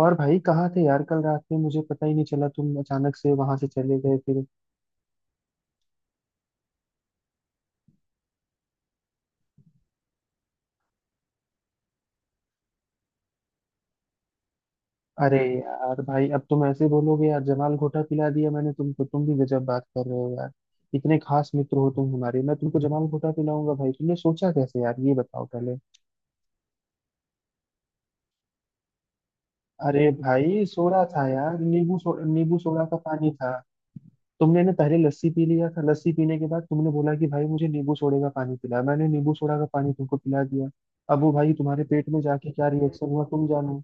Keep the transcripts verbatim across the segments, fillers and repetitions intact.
और भाई कहाँ थे यार? कल रात में मुझे पता ही नहीं चला, तुम अचानक से वहां से चले गए फिर। अरे यार, भाई अब तुम ऐसे बोलोगे यार? जमाल घोटा पिला दिया मैंने तुमको? तुम भी गजब बात कर रहे हो यार। इतने खास मित्र हो तुम हमारे, मैं तुमको जमाल घोटा पिलाऊंगा भाई? तुमने सोचा कैसे यार, ये बताओ पहले। अरे भाई, सोडा था यार। नींबू सो, नींबू सोडा का पानी था। तुमने ना पहले लस्सी पी लिया था, लस्सी पीने के बाद तुमने बोला कि भाई मुझे नींबू सोडे का पानी पिला, मैंने नींबू सोडा का पानी तुमको पिला दिया। अब वो भाई तुम्हारे पेट में जाके क्या रिएक्शन हुआ, तुम जानो।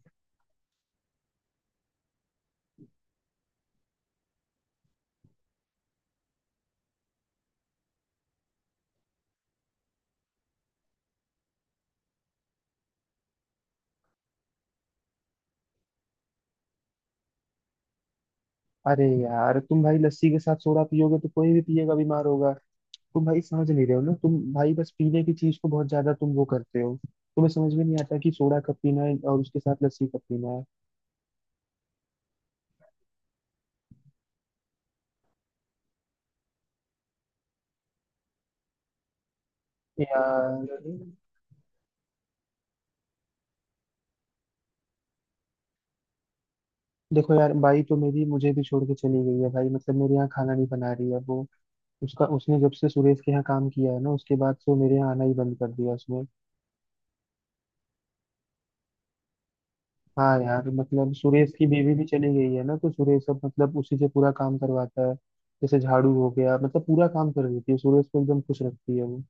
अरे यार, तुम भाई लस्सी के साथ सोडा पियोगे तो कोई भी पिएगा, बीमार होगा। तुम भाई समझ नहीं रहे हो ना, तुम भाई बस पीने की चीज को बहुत ज्यादा तुम वो करते हो, तुम्हें समझ में नहीं आता कि सोडा कब पीना है और उसके साथ लस्सी कब पीना है। यार देखो, यार बाई तो मेरी मुझे भी छोड़ के चली गई है भाई, मतलब मेरे यहाँ खाना नहीं बना रही है वो। उसका उसने जब से सुरेश के यहाँ काम किया है ना, उसके बाद से वो मेरे यहाँ आना ही बंद कर दिया उसने। हाँ यार, मतलब सुरेश की बीवी भी चली गई है ना, तो सुरेश अब मतलब उसी से पूरा काम करवाता है। जैसे झाड़ू हो गया, मतलब पूरा काम कर देती है, सुरेश को एकदम खुश रखती है वो।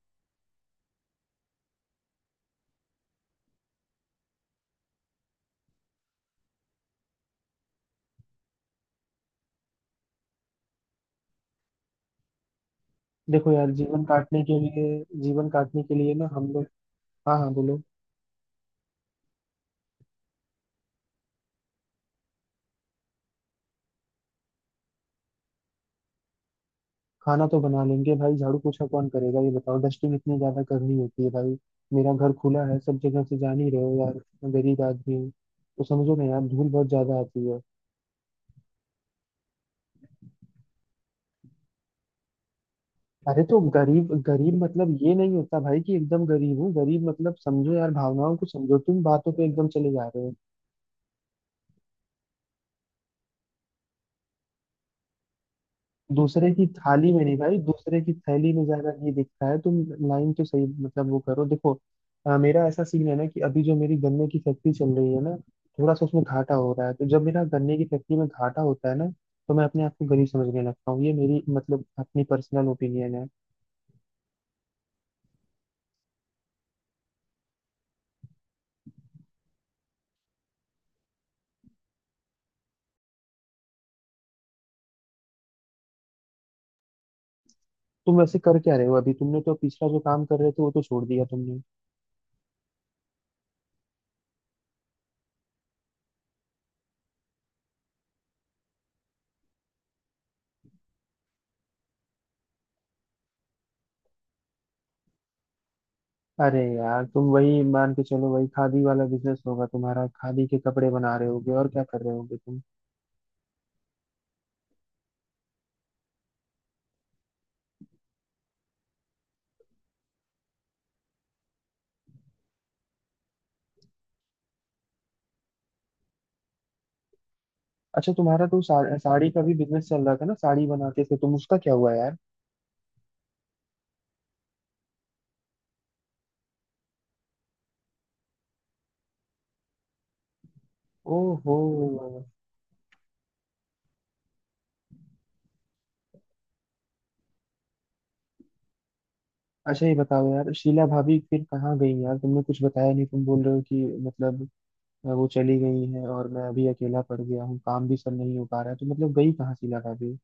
देखो यार, जीवन काटने के लिए जीवन काटने के लिए ना हम लोग। हाँ हाँ, बोलो। खाना तो बना लेंगे भाई, झाड़ू पोछा कौन करेगा ये बताओ? डस्टिंग इतनी ज्यादा करनी होती है भाई। मेरा घर खुला है सब जगह से, जान ही रहे हो यार, मैं गरीब आदमी हूँ। तो समझो ना यार, धूल बहुत ज्यादा आती है। अरे तो गरीब गरीब मतलब ये नहीं होता भाई कि एकदम गरीब हूँ, गरीब मतलब समझो यार, भावनाओं को समझो, तुम बातों पे एकदम चले जा रहे हो। दूसरे की थाली में नहीं भाई, दूसरे की थैली में ज्यादा घी दिखता है तुम। लाइन तो सही, मतलब वो करो देखो। अ, मेरा ऐसा सीन है ना कि अभी जो मेरी गन्ने की फैक्ट्री चल रही है ना, थोड़ा सा उसमें घाटा हो रहा है। तो जब मेरा गन्ने की फैक्ट्री में घाटा होता है ना, तो मैं अपने आप को गरीब समझने लगता हूँ। ये मेरी मतलब अपनी पर्सनल ओपिनियन है। तुम वैसे कर क्या रहे हो अभी? तुमने तो पिछला जो काम कर रहे थे वो तो छोड़ दिया तुमने। अरे यार, तुम वही मान के चलो, वही खादी वाला बिजनेस होगा तुम्हारा, खादी के कपड़े बना रहे होगे, और क्या कर रहे होगे तुम? अच्छा, तुम्हारा तो सा, साड़ी का भी बिजनेस चल रहा था ना, साड़ी बनाते थे तुम, उसका क्या हुआ यार? ओहो। अच्छा ये बताओ यार, शीला भाभी फिर कहाँ गई यार? तुमने कुछ बताया नहीं, तुम बोल रहे हो कि मतलब अ, वो चली गई है और मैं अभी अकेला पड़ गया हूँ, काम भी सब नहीं हो पा रहा है, तो मतलब गई कहाँ शीला भाभी?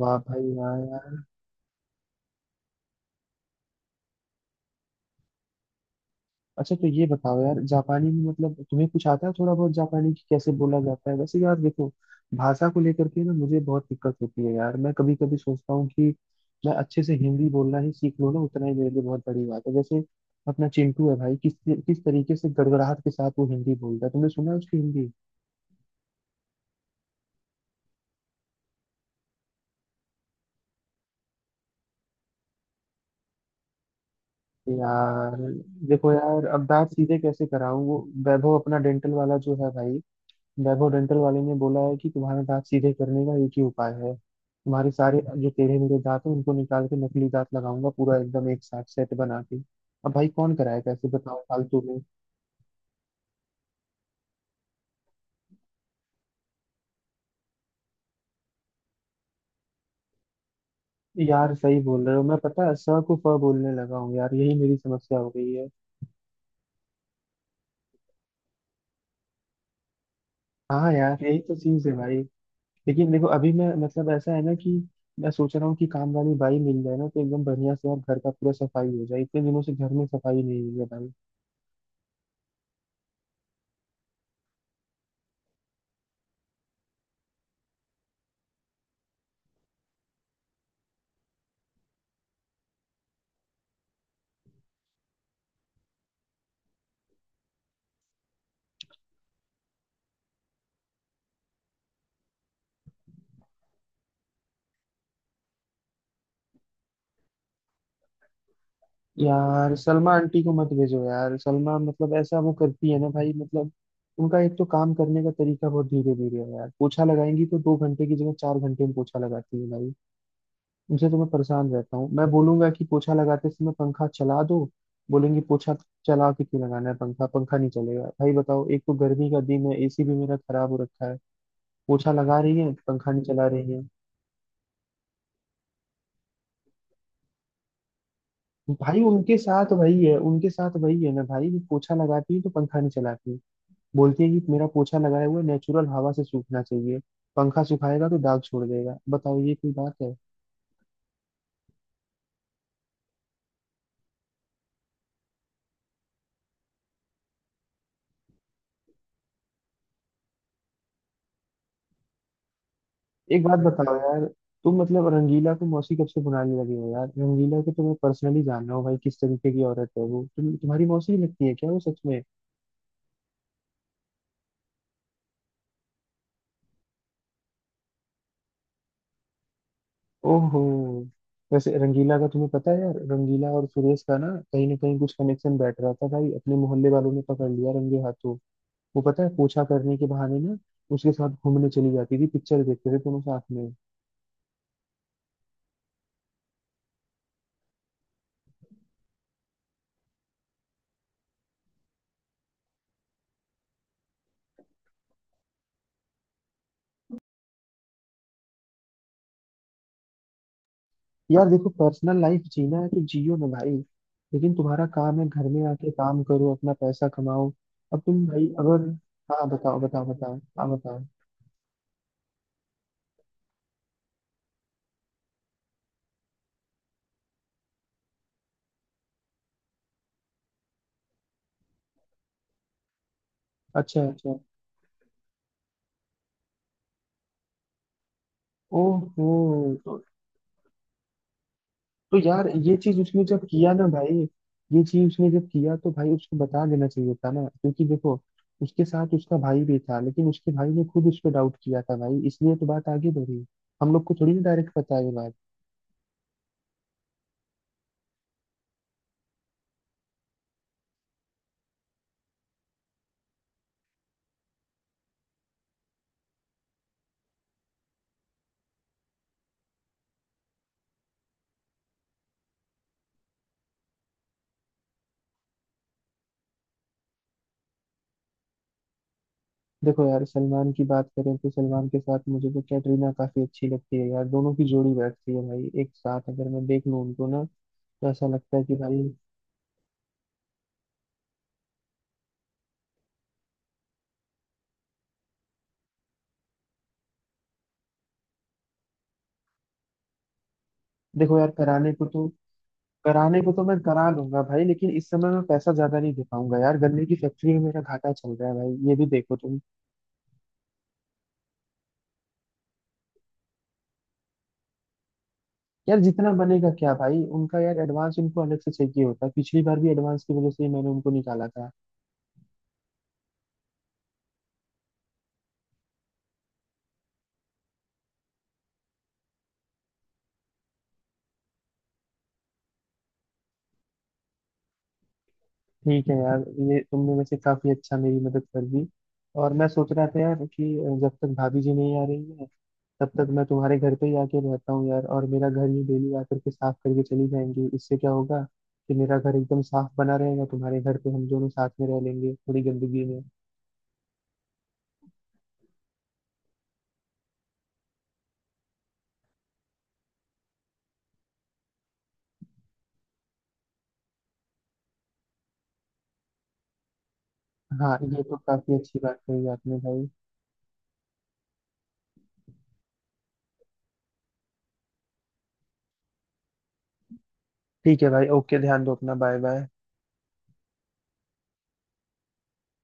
वाह भाई वाह यार। अच्छा तो ये बताओ यार, जापानी में मतलब तुम्हें कुछ आता है थोड़ा बहुत जापानी की कैसे बोला जाता है? वैसे यार देखो, भाषा को लेकर के ना मुझे बहुत दिक्कत होती है यार। मैं कभी कभी सोचता हूँ कि मैं अच्छे से हिंदी बोलना ही सीख लूँ ना, उतना ही मेरे लिए बहुत बड़ी बात है। जैसे अपना चिंटू है भाई, किस किस तरीके से गड़गड़ाहट के साथ वो हिंदी बोलता है, तुमने सुना है उसकी हिंदी? यार देखो यार, अब दांत सीधे कैसे कराऊं वो? वैभव अपना डेंटल वाला जो है भाई, वैभव डेंटल वाले ने बोला है कि तुम्हारे दांत सीधे करने का एक ही उपाय है, तुम्हारे सारे जो टेढ़े मेढ़े दांत हैं उनको निकाल के नकली दांत लगाऊंगा पूरा एकदम एक साथ सेट बना के। अब भाई कौन कराएगा ऐसे बताओ, फालतू में? यार सही बोल रहे हो, मैं पता है स को फ बोलने लगा हूँ यार, यही मेरी समस्या हो गई है। हाँ यार, यही तो चीज है भाई। लेकिन देखो अभी मैं मतलब ऐसा है ना कि मैं सोच रहा हूँ कि काम वाली बाई मिल जाए ना, तो एकदम बढ़िया से यार घर का पूरा सफाई हो जाए, इतने दिनों से घर में सफाई नहीं हुई है भाई। यार सलमा आंटी को मत भेजो यार, सलमा मतलब ऐसा वो करती है ना भाई, मतलब उनका एक तो काम करने का तरीका बहुत धीरे धीरे है यार, पोछा लगाएंगी तो दो घंटे की जगह चार घंटे में पोछा लगाती है भाई। उनसे तो मैं परेशान रहता हूँ, मैं बोलूंगा कि पोछा लगाते समय पंखा चला दो, बोलेंगी पोछा चला के क्यों लगाना है पंखा, पंखा नहीं चलेगा भाई बताओ। एक तो गर्मी का दिन है, एसी भी मेरा खराब हो रखा है, पोछा लगा रही है पंखा नहीं चला रही है। भाई उनके साथ वही है उनके साथ वही है ना भाई, पोछा लगाती है तो पंखा नहीं चलाती है। बोलती है कि मेरा पोछा लगाए हुए नेचुरल हवा से सूखना चाहिए, पंखा सुखाएगा तो दाग छोड़ देगा, बताओ ये कोई बात है? एक बात बताओ यार, तुम मतलब रंगीला को मौसी कब से बुलाने लगे हो यार? रंगीला को तो मैं पर्सनली जान रहा हूँ भाई, किस तरीके की औरत है वो, तुम तुम्हारी मौसी ही लगती है क्या वो सच में? ओहो। वैसे रंगीला का तुम्हें पता है यार, रंगीला और सुरेश का ना कहीं ना कहीं कुछ कनेक्शन बैठ रहा था भाई, अपने मोहल्ले वालों ने पकड़ लिया रंगे हाथों। वो पता है पोछा करने के बहाने ना उसके साथ घूमने चली जाती थी, पिक्चर देखते थे दोनों साथ में। यार देखो, पर्सनल लाइफ जीना है तो जियो ना भाई, लेकिन तुम्हारा काम है घर में आके काम करो, अपना पैसा कमाओ। अब तुम भाई अगर। हाँ बताओ बताओ बताओ, हाँ बताओ। अच्छा अच्छा। ओहो तो। तो यार ये चीज उसने जब किया ना भाई, ये चीज उसने जब किया तो भाई उसको बता देना चाहिए था ना, क्योंकि देखो उसके साथ उसका भाई भी था, लेकिन उसके भाई ने खुद उस पर डाउट किया था भाई, इसलिए तो बात आगे बढ़ी। हम लोग को थोड़ी ना डायरेक्ट पता है ये बात। देखो यार, सलमान की बात करें तो सलमान के साथ मुझे तो कैटरीना काफी अच्छी लगती है यार, दोनों की जोड़ी बैठती है भाई, एक साथ अगर मैं देख लूं उनको ना तो ऐसा लगता है कि भाई। देखो यार कराने को तो, कराने को तो मैं करा लूंगा भाई, लेकिन इस समय मैं पैसा ज्यादा नहीं दे पाऊंगा यार, गन्ने की फैक्ट्री में मेरा घाटा चल रहा है भाई, ये भी देखो तुम। यार जितना बनेगा क्या भाई, उनका यार एडवांस उनको अलग से चाहिए होता है, पिछली बार भी एडवांस की वजह से ही मैंने उनको निकाला था। ठीक है यार, ये तुमने वैसे काफी अच्छा मेरी मदद कर दी। और मैं सोच रहा था यार कि जब तक भाभी जी नहीं आ रही है, तब तक मैं तुम्हारे घर पे ही आके रहता हूँ यार, और मेरा घर ये डेली आकर के साफ करके चली जाएंगी। इससे क्या होगा कि मेरा घर एकदम साफ बना रहेगा, तुम्हारे घर पे हम दोनों साथ में रह लेंगे थोड़ी गंदगी में। हाँ, ये तो काफी अच्छी बात कही आपने भाई। ठीक है भाई, ओके, ध्यान दो अपना, बाय बाय।